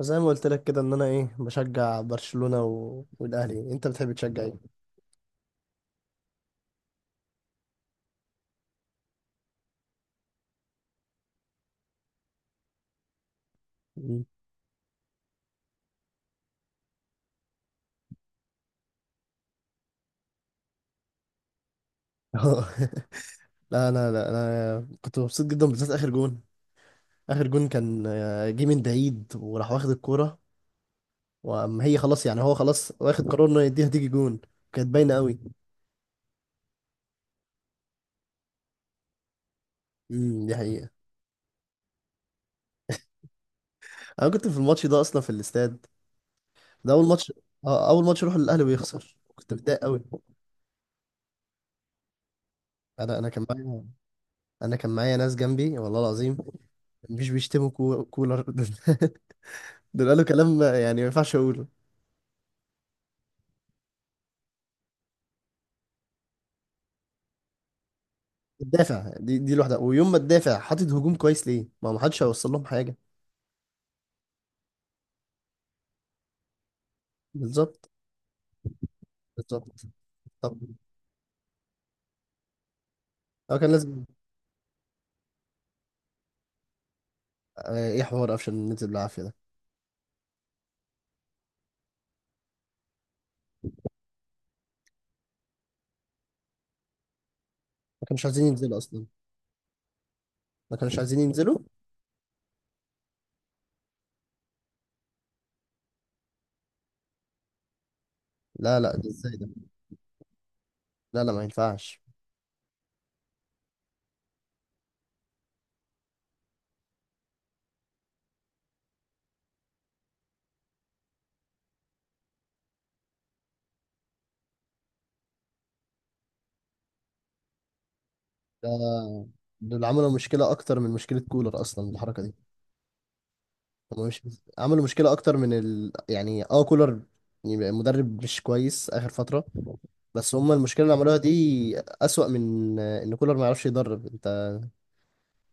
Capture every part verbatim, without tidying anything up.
زي ما قلت لك كده ان انا ايه بشجع برشلونة و... والاهلي. انت بتحب تشجع ايه؟ مم. لا انا لا انا كنت مبسوط جدا بالذات اخر جون. اخر جون كان آه، جه من بعيد وراح واخد الكورة. واما هي خلاص يعني هو خلاص واخد قرار انه يديها تيجي جون، كانت باينة قوي. امم دي حقيقة. انا كنت في الماتش ده اصلا في الاستاد. ده اول ماتش. آه، اول ماتش اروح للاهلي ويخسر، كنت متضايق قوي. انا انا كان معايا انا كان معايا ناس جنبي والله العظيم. مش بيشتموا كو- كولر. دول قالوا كلام يعني ما ينفعش اقوله. الدافع دي دي لوحدها، ويوم ما تدافع حاطط هجوم كويس ليه؟ ما هو ما حدش هيوصل لهم حاجه. بالظبط. بالظبط. طب هو كان لازم. آه، ايه حوار قفشة ننزل بالعافيه ده؟ ما كانوش عايزين ينزلوا اصلا، ما كانوش عايزين ينزلوا. لا، لا، ده ازاي ده؟ لا، لا، ما ينفعش ده. دول عملوا مشكله اكتر من مشكله كولر اصلا الحركه دي. هما مش عملوا مشكلة أكتر من ال... يعني اه كولر. يبقى مدرب مش كويس آخر فترة. بس هما المشكلة اللي عملوها دي أسوأ من آه، إن كولر ما يعرفش يدرب. أنت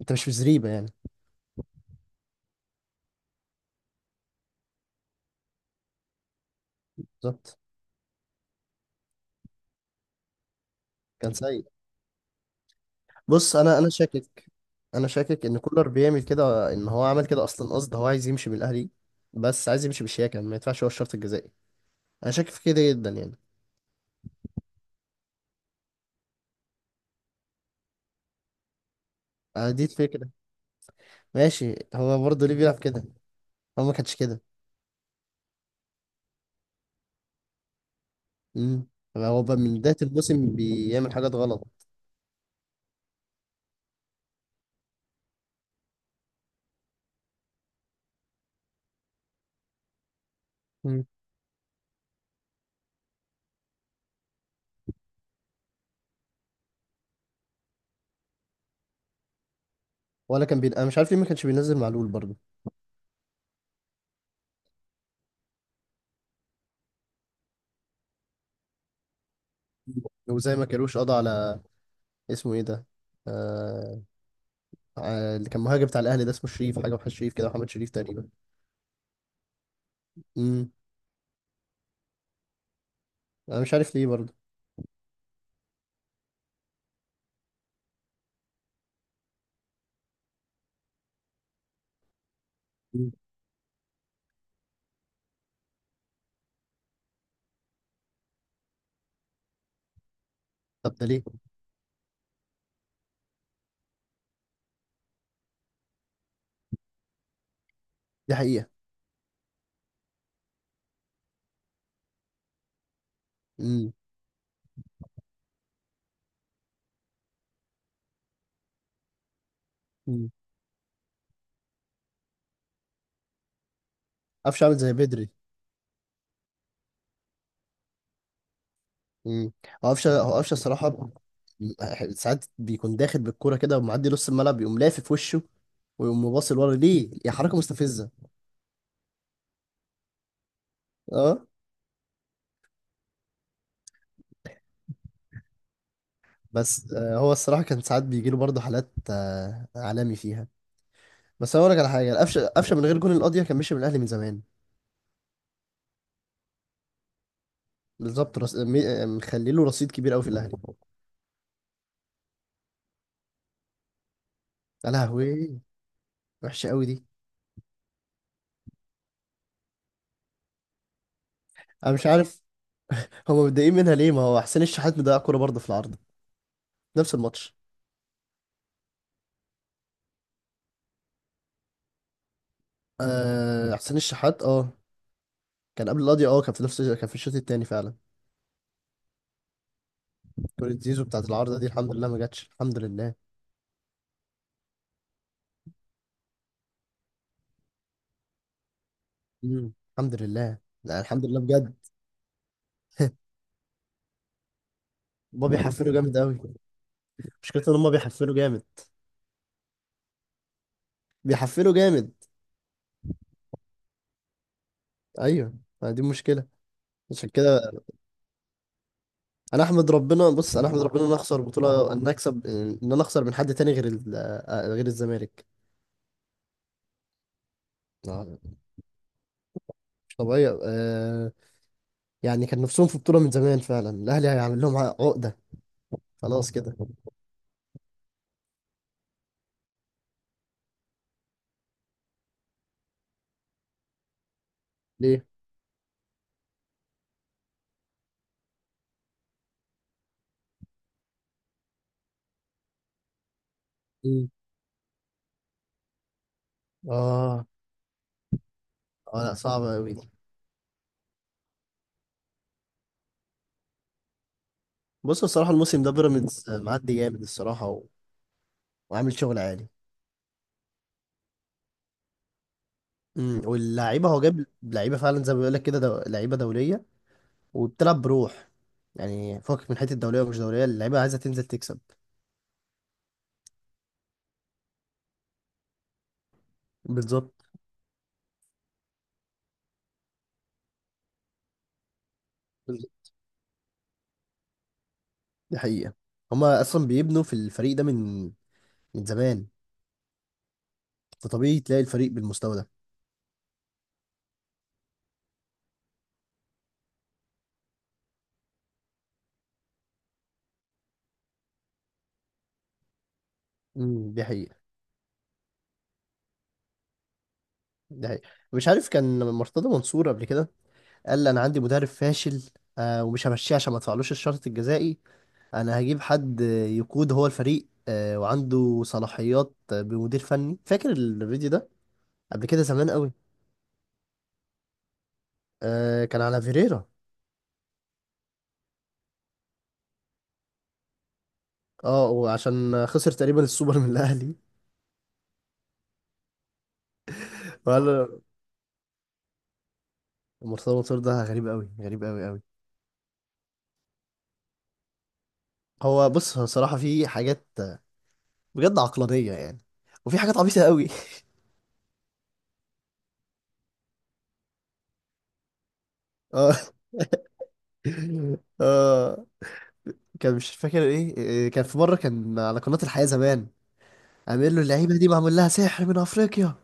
أنت مش في زريبة يعني. بالظبط. كان سيء. بص، أنا أنا شاكك أنا شاكك إن كولر بيعمل كده، إن هو عمل كده أصلا قصد. هو عايز يمشي من الأهلي بس عايز يمشي بالشياكة ما يدفعش هو الشرط الجزائي. أنا شاكك في كده جدا يعني. آه، دي الفكرة. ماشي، هو برضه ليه بيلعب كده؟ هو ما كانش كده. امم هو بقى من بداية الموسم بيعمل حاجات غلط. مم. ولا كان بين... انا مش عارف ليه ما كانش بينزل معلول برضه. وزي ما كانوش قضى على اسمه ايه ده؟ آه... آه، اللي كان مهاجم بتاع الاهلي ده اسمه شريف حاجه، محمد شريف كده، محمد شريف تقريبا. امم انا مش عارف ليه برضه. مم. طب ده ليه؟ دي حقيقه. امم امم قفشه عامل زي بدري. امم هو قفشه هو قفشه الصراحه ب- ساعات بيكون داخل بالكوره كده ومعدي نص الملعب يقوم لافف وشه، ويقوم باصل ورا ليه؟ يا حركه مستفزه. اه. بس آه هو الصراحه كان ساعات بيجيله برضه حالات آه عالمي فيها. بس هقول لك على حاجه، قفشه قفشه من غير جون القضيه كان مشي من الاهلي من زمان. بالظبط. رص... مي- مخلي له رصيد كبير قوي في الاهلي. يا لهوي، وحشه قوي دي. انا مش عارف هم متضايقين منها ليه؟ ما هو حسين الشحات مضيع كوره برضه في العارضه، نفس الماتش. آه حسين الشحات، اه كان قبل القضيه. اه كان في نفس كان في الشوط الثاني فعلا. كوره زيزو بتاعت العارضه دي الحمد لله ما جاتش، الحمد لله. مم. الحمد لله. لا، الحمد لله بجد. هما بيحفلوا جامد قوي. مشكلته ان هما بيحفلوا جامد. بيحفلوا جامد. ايوه، ما دي مشكله، عشان كده. انا احمد ربنا بص انا احمد ربنا ان أنا اخسر بطوله ان أنا اكسب. ان انا اخسر من حد تاني غير ال- آه، غير الزمالك. آه، مش طبيعيه. آه، يعني كان نفسهم في بطوله من زمان فعلا، الاهلي هيعمل لهم عقده خلاص كده. ليه؟ مم. اه، اه، لا، صعبه قوي دي. بص بصراحه الموسم ده بيراميدز آه، معدي جامد الصراحه و- وعامل شغل عالي. امم واللعيبه هو جاب لعيبه فعلا زي ما بيقول لك كده، دو... لعيبه دوليه وبتلعب بروح. يعني فوق من حته، دوليه ومش دوليه اللعيبه عايزه تنزل تكسب. بالظبط. دي حقيقة. هما أصلا بيبنوا في الفريق ده من من زمان. فطبيعي تلاقي الفريق بالمستوى ده. امم دي حقيقة. دي حقيقة. مش عارف كان مرتضى منصور قبل كده قال أنا عندي مدرب فاشل آه ومش همشيه عشان ما ادفعلوش الشرط الجزائي. أنا هجيب حد يقود هو الفريق آه وعنده صلاحيات بمدير فني. فاكر الفيديو ده؟ قبل كده زمان قوي. آه كان على فيريرا. اه، وعشان خسر تقريبا السوبر من الأهلي. وقال مرتضى منصور ده غريب قوي، غريب قوي قوي. هو بص هو صراحة في حاجات بجد عقلانية يعني، وفي حاجات عبيطة قوي. اه، اه، كان مش فاكر ايه. إيه، كان في مرة كان على قناة الحياة زمان، عامل له اللعيبة دي معمول لها سحر من افريقيا.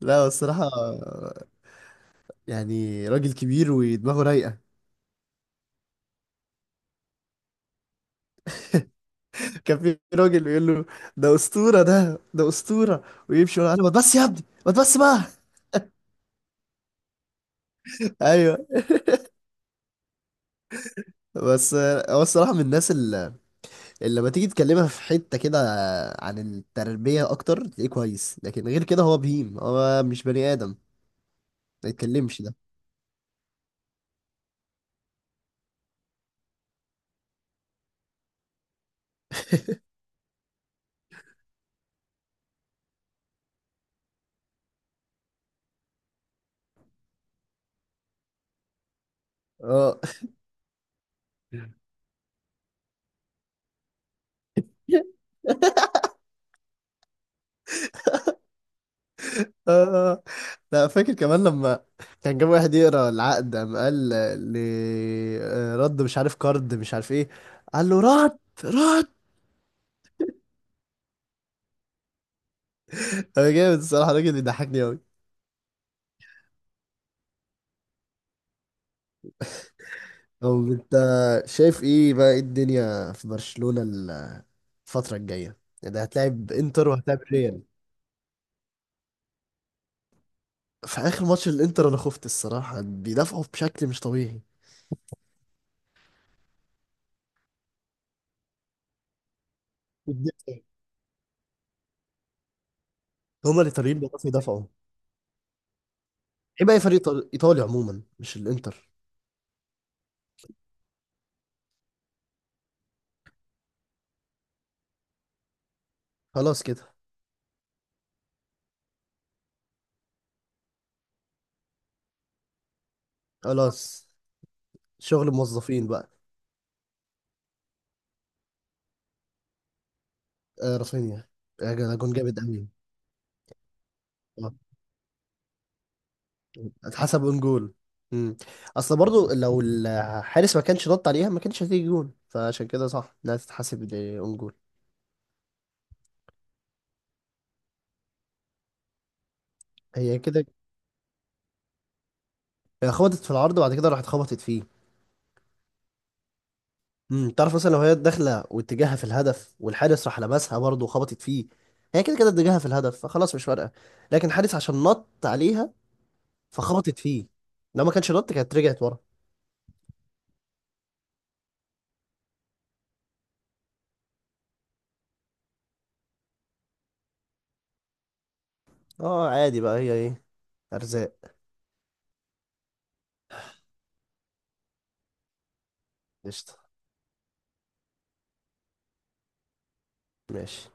لا، هو الصراحة آه، يعني راجل كبير ودماغه رايقة. كان في راجل يقول له ده أسطورة، ده ده أسطورة، ويمشي يقول له ما تبص يا ابني ما تبص بقى. ايوه. بس آه، هو الصراحة من الناس اللي لما تيجي تكلمها في حتة كده عن التربية أكتر تلاقيه كويس، لكن غير كده هو بهيم هو مش بني آدم ما يتكلمش ده. اه. آه. لا، فاكر كمان لما كان جاب واحد يقرا العقد قام قال ل آه، رد مش عارف كارد مش عارف ايه. قال له رد. رد. انا جامد الصراحة، الراجل بيضحكني أوي. طب انت شايف ايه بقى؟ إيه الدنيا في برشلونة الفترة الجاية؟ ده هتلاعب انتر وهتلاعب ريال. في اخر ماتش الانتر انا خفت الصراحه، بيدافعوا بشكل مش طبيعي. والدفاع. هما الايطاليين بيعرفوا يدافعوا. عيب اي فريق إيطال- ايطالي عموما، مش الانتر. خلاص كده. خلاص شغل موظفين بقى. آه رافينيا. يا جدع، جون جامد قوي. آه، اتحسب اون جول. مم. اصل برضو لو الحارس ما كانش نط عليها ما كانش هتيجي جون، فعشان كده صح انها تتحسب اون جول. هي كده، هي خبطت في العرض وبعد كده راحت خبطت فيه. امم تعرف مثلا لو هي داخله واتجاهها في الهدف والحارس راح لمسها برضه وخبطت فيه، هي كده كده اتجاهها في الهدف فخلاص مش فارقه. لكن الحارس عشان نط عليها فخبطت فيه، لو ما كانش نط كانت رجعت ورا. اه، عادي بقى، هي ايه؟ ارزاق. قشطه. ماشي.